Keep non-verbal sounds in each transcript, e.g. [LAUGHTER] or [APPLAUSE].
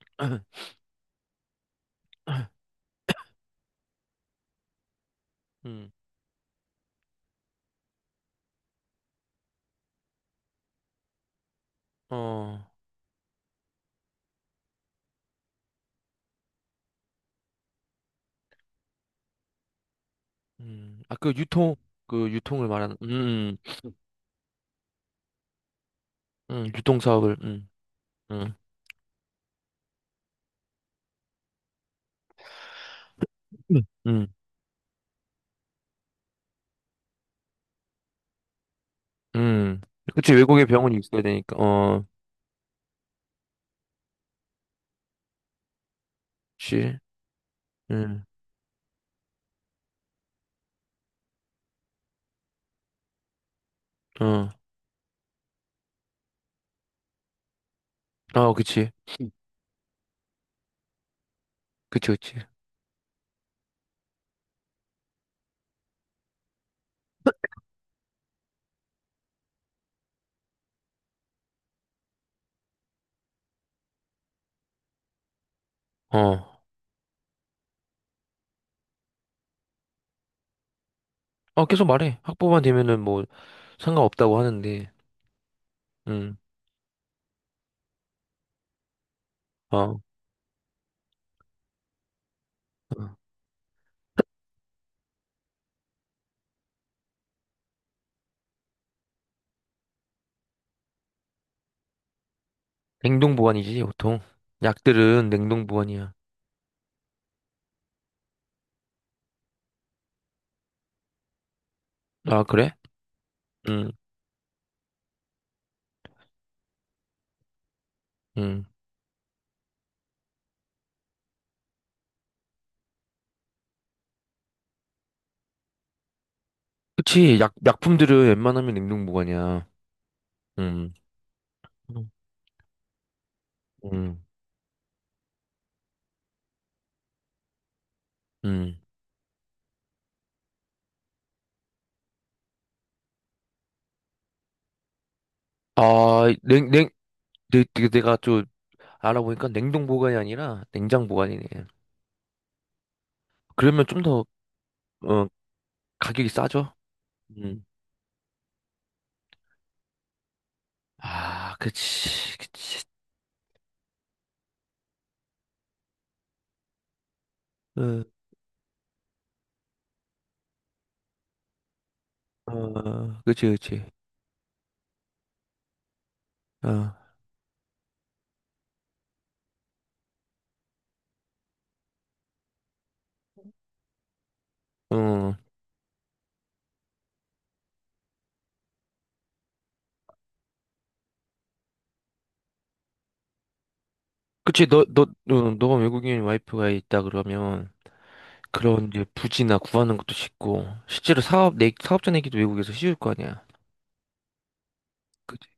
[CLEARS THROAT] 음, 어, 아, 그 유통을 말하는, 유통 사업을, 음, 음, 음, 음. 그치, 외국에 병원이 있어야 되니까, 어, 그치. 음, 어, 아, 그치, 그치, 그치, 어, 어, 계속 말해. 학부만 되면은 뭐, 상관없다고 하는데, 음, 어, 어. 냉동 보관이지, 보통. 약들은 냉동 보관이야. 아, 그래? 음, 음. 그치, 약품들은 웬만하면 냉동 보관이야. 음, 음. 아, 내가 좀 알아보니까 냉동 보관이 아니라 냉장 보관이네. 그러면 좀 더, 어, 가격이 싸죠? 음. 아, 그치, 그치. 어, 어, 그치, 그치. 어, 어. 그치, 어, 너가 외국인 와이프가 있다 그러면 그런 이제 부지나 구하는 것도 쉽고, 사업자 내기도 외국에서 쉬울 거 아니야. 그치.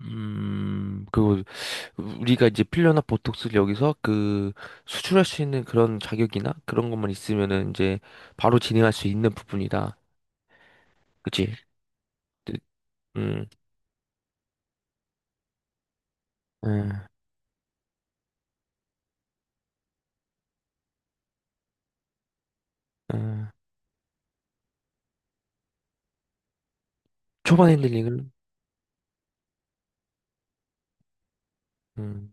그거 우리가 이제 필러나 보톡스를 여기서 그 수출할 수 있는 그런 자격이나 그런 것만 있으면은 이제 바로 진행할 수 있는 부분이다. 그치? 네, 음, 음, 음. 초반 핸들링은, 음,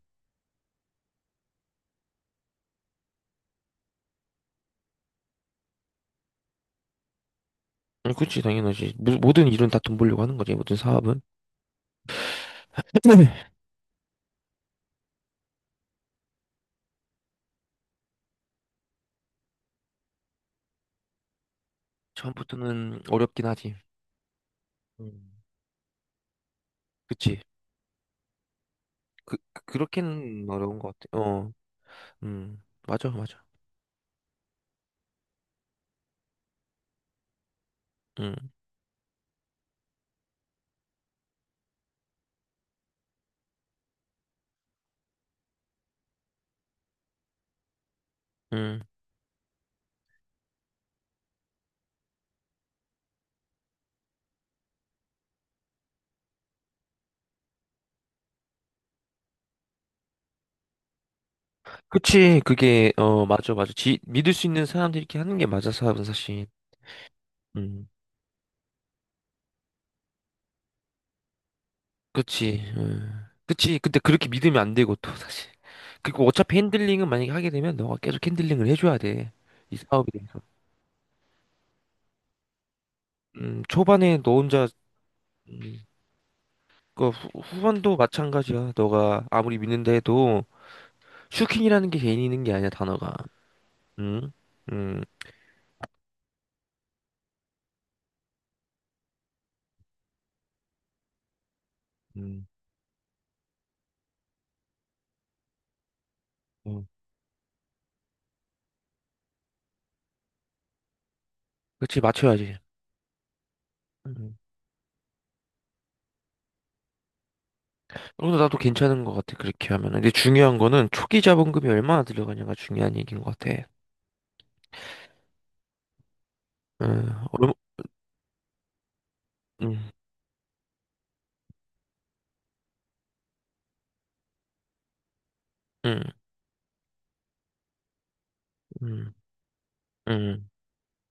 그치, 당연하지. 모든 일은 다 돈 벌려고 하는 거지, 모든 사업은. 네. 처음부터는 어렵긴 하지. 음. 그치? 그렇게는 어려운 것 같아. 어, 맞아, 맞아. 음, 음. 그치, 그게, 어, 맞아, 맞아. 지, 믿을 수 있는 사람들이 이렇게 하는 게 맞아, 사업은 사실. 음, 그치. 음. 그치. 근데 그렇게 믿으면 안 되고, 또, 사실. 그리고 어차피 핸들링은 만약에 하게 되면 너가 계속 핸들링을 해줘야 돼. 이 사업에 대해서. 초반에 너 혼자, 음, 후반도 마찬가지야. 너가 아무리 믿는다 해도, 슈킹이라는 게 개인 있는 게 아니야, 단어가. 음, 음, 음, 음. 그치, 맞춰야지. 음. 그래서 나도 괜찮은 것 같아, 그렇게 하면. 근데 중요한 거는 초기 자본금이 얼마나 들어가냐가 중요한 얘기인 것 같아. 음, 얼마, 음, 음, 음. 음.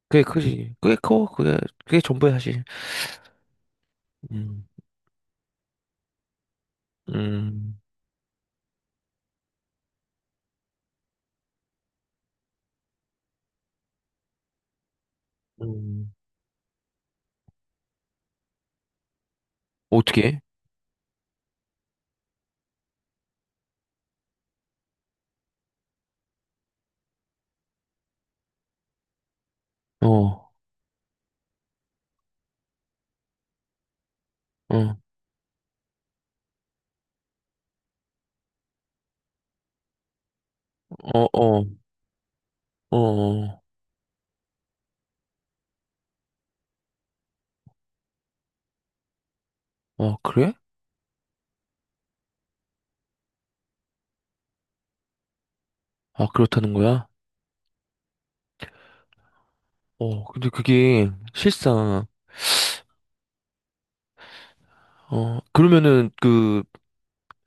그게 그지. 그게 커. 그게 전부야 사실. 음. 음. 음. 어떻게? 어. 어. 어. 어. 어. 어. 아, 그래? 아, 그렇다는 거야? 어. 근데 그게 실상 어, 그러면은 그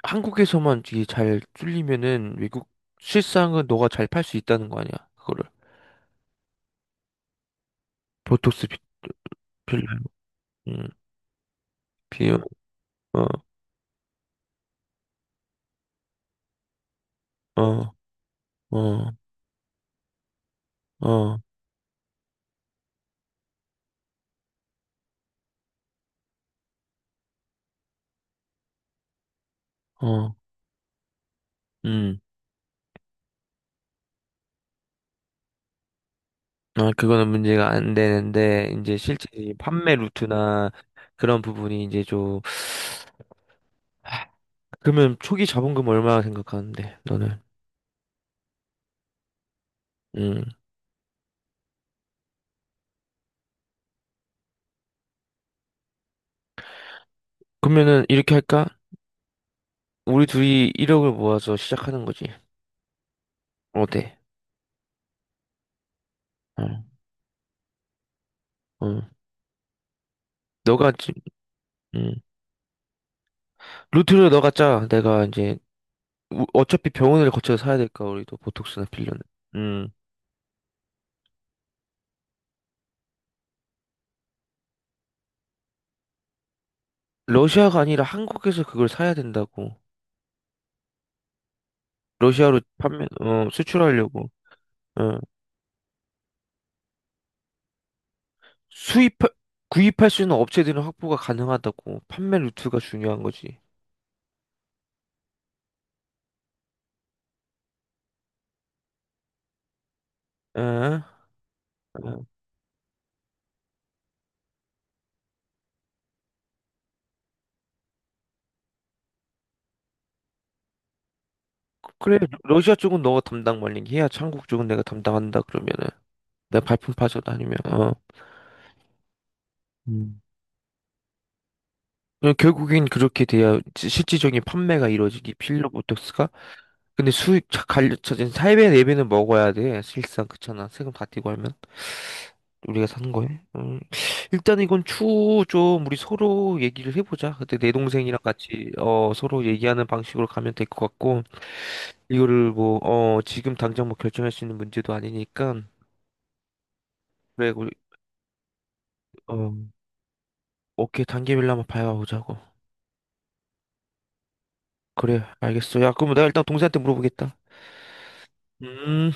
한국에서만 이게 잘 뚫리면은 외국 실상은 너가 잘 팔 수 있다는 거 아니야? 그거를. 보톡스 비- 필름. 음. 비용. 어. 어. 어. 어. 어. 음. 아, 그거는 문제가 안 되는데, 이제 실제 이 판매 루트나 그런 부분이 이제 좀, 아, 그러면 초기 자본금 얼마 생각하는데, 너는? 음. 그러면은 이렇게 할까? 우리 둘이 1억을 모아서 시작하는 거지. 어때? 어, 어. 너가, 지- 음. 루트를 너가 짜. 어차피 병원을 거쳐서 사야 될까, 우리도 보톡스나 필러는. 음. 러시아가 아니라 한국에서 그걸 사야 된다고. 러시아로 판매, 어, 수출하려고. 어. 수입, 구입할 수 있는 업체들은 확보가 가능하다고. 판매 루트가 중요한 거지. 에? 에. 그래, 러시아 쪽은 너가 담당 말링 해야 한국 쪽은 내가 담당한다 그러면은 내가 발품 빠져다니면 어. 음. 그냥 결국엔 그렇게 돼야 지- 실질적인 판매가 이루어지기 필러 보톡스가 근데 수익 갈려 저진 4배 4배는 먹어야 돼. 실상 그렇잖아. 세금 다 떼고 하면 우리가 사는 거에. 음. 일단 이건 추후 좀 우리 서로 얘기를 해보자. 그때 내 동생이랑 같이 어 서로 얘기하는 방식으로 가면 될 것 같고 이거를 뭐 어 지금 당장 뭐 결정할 수 있는 문제도 아니니까 그래 우리 어 오케이 단계별로 한번 봐보자고. 그래 알겠어. 야 그럼 내가 일단 동생한테 물어보겠다. 음.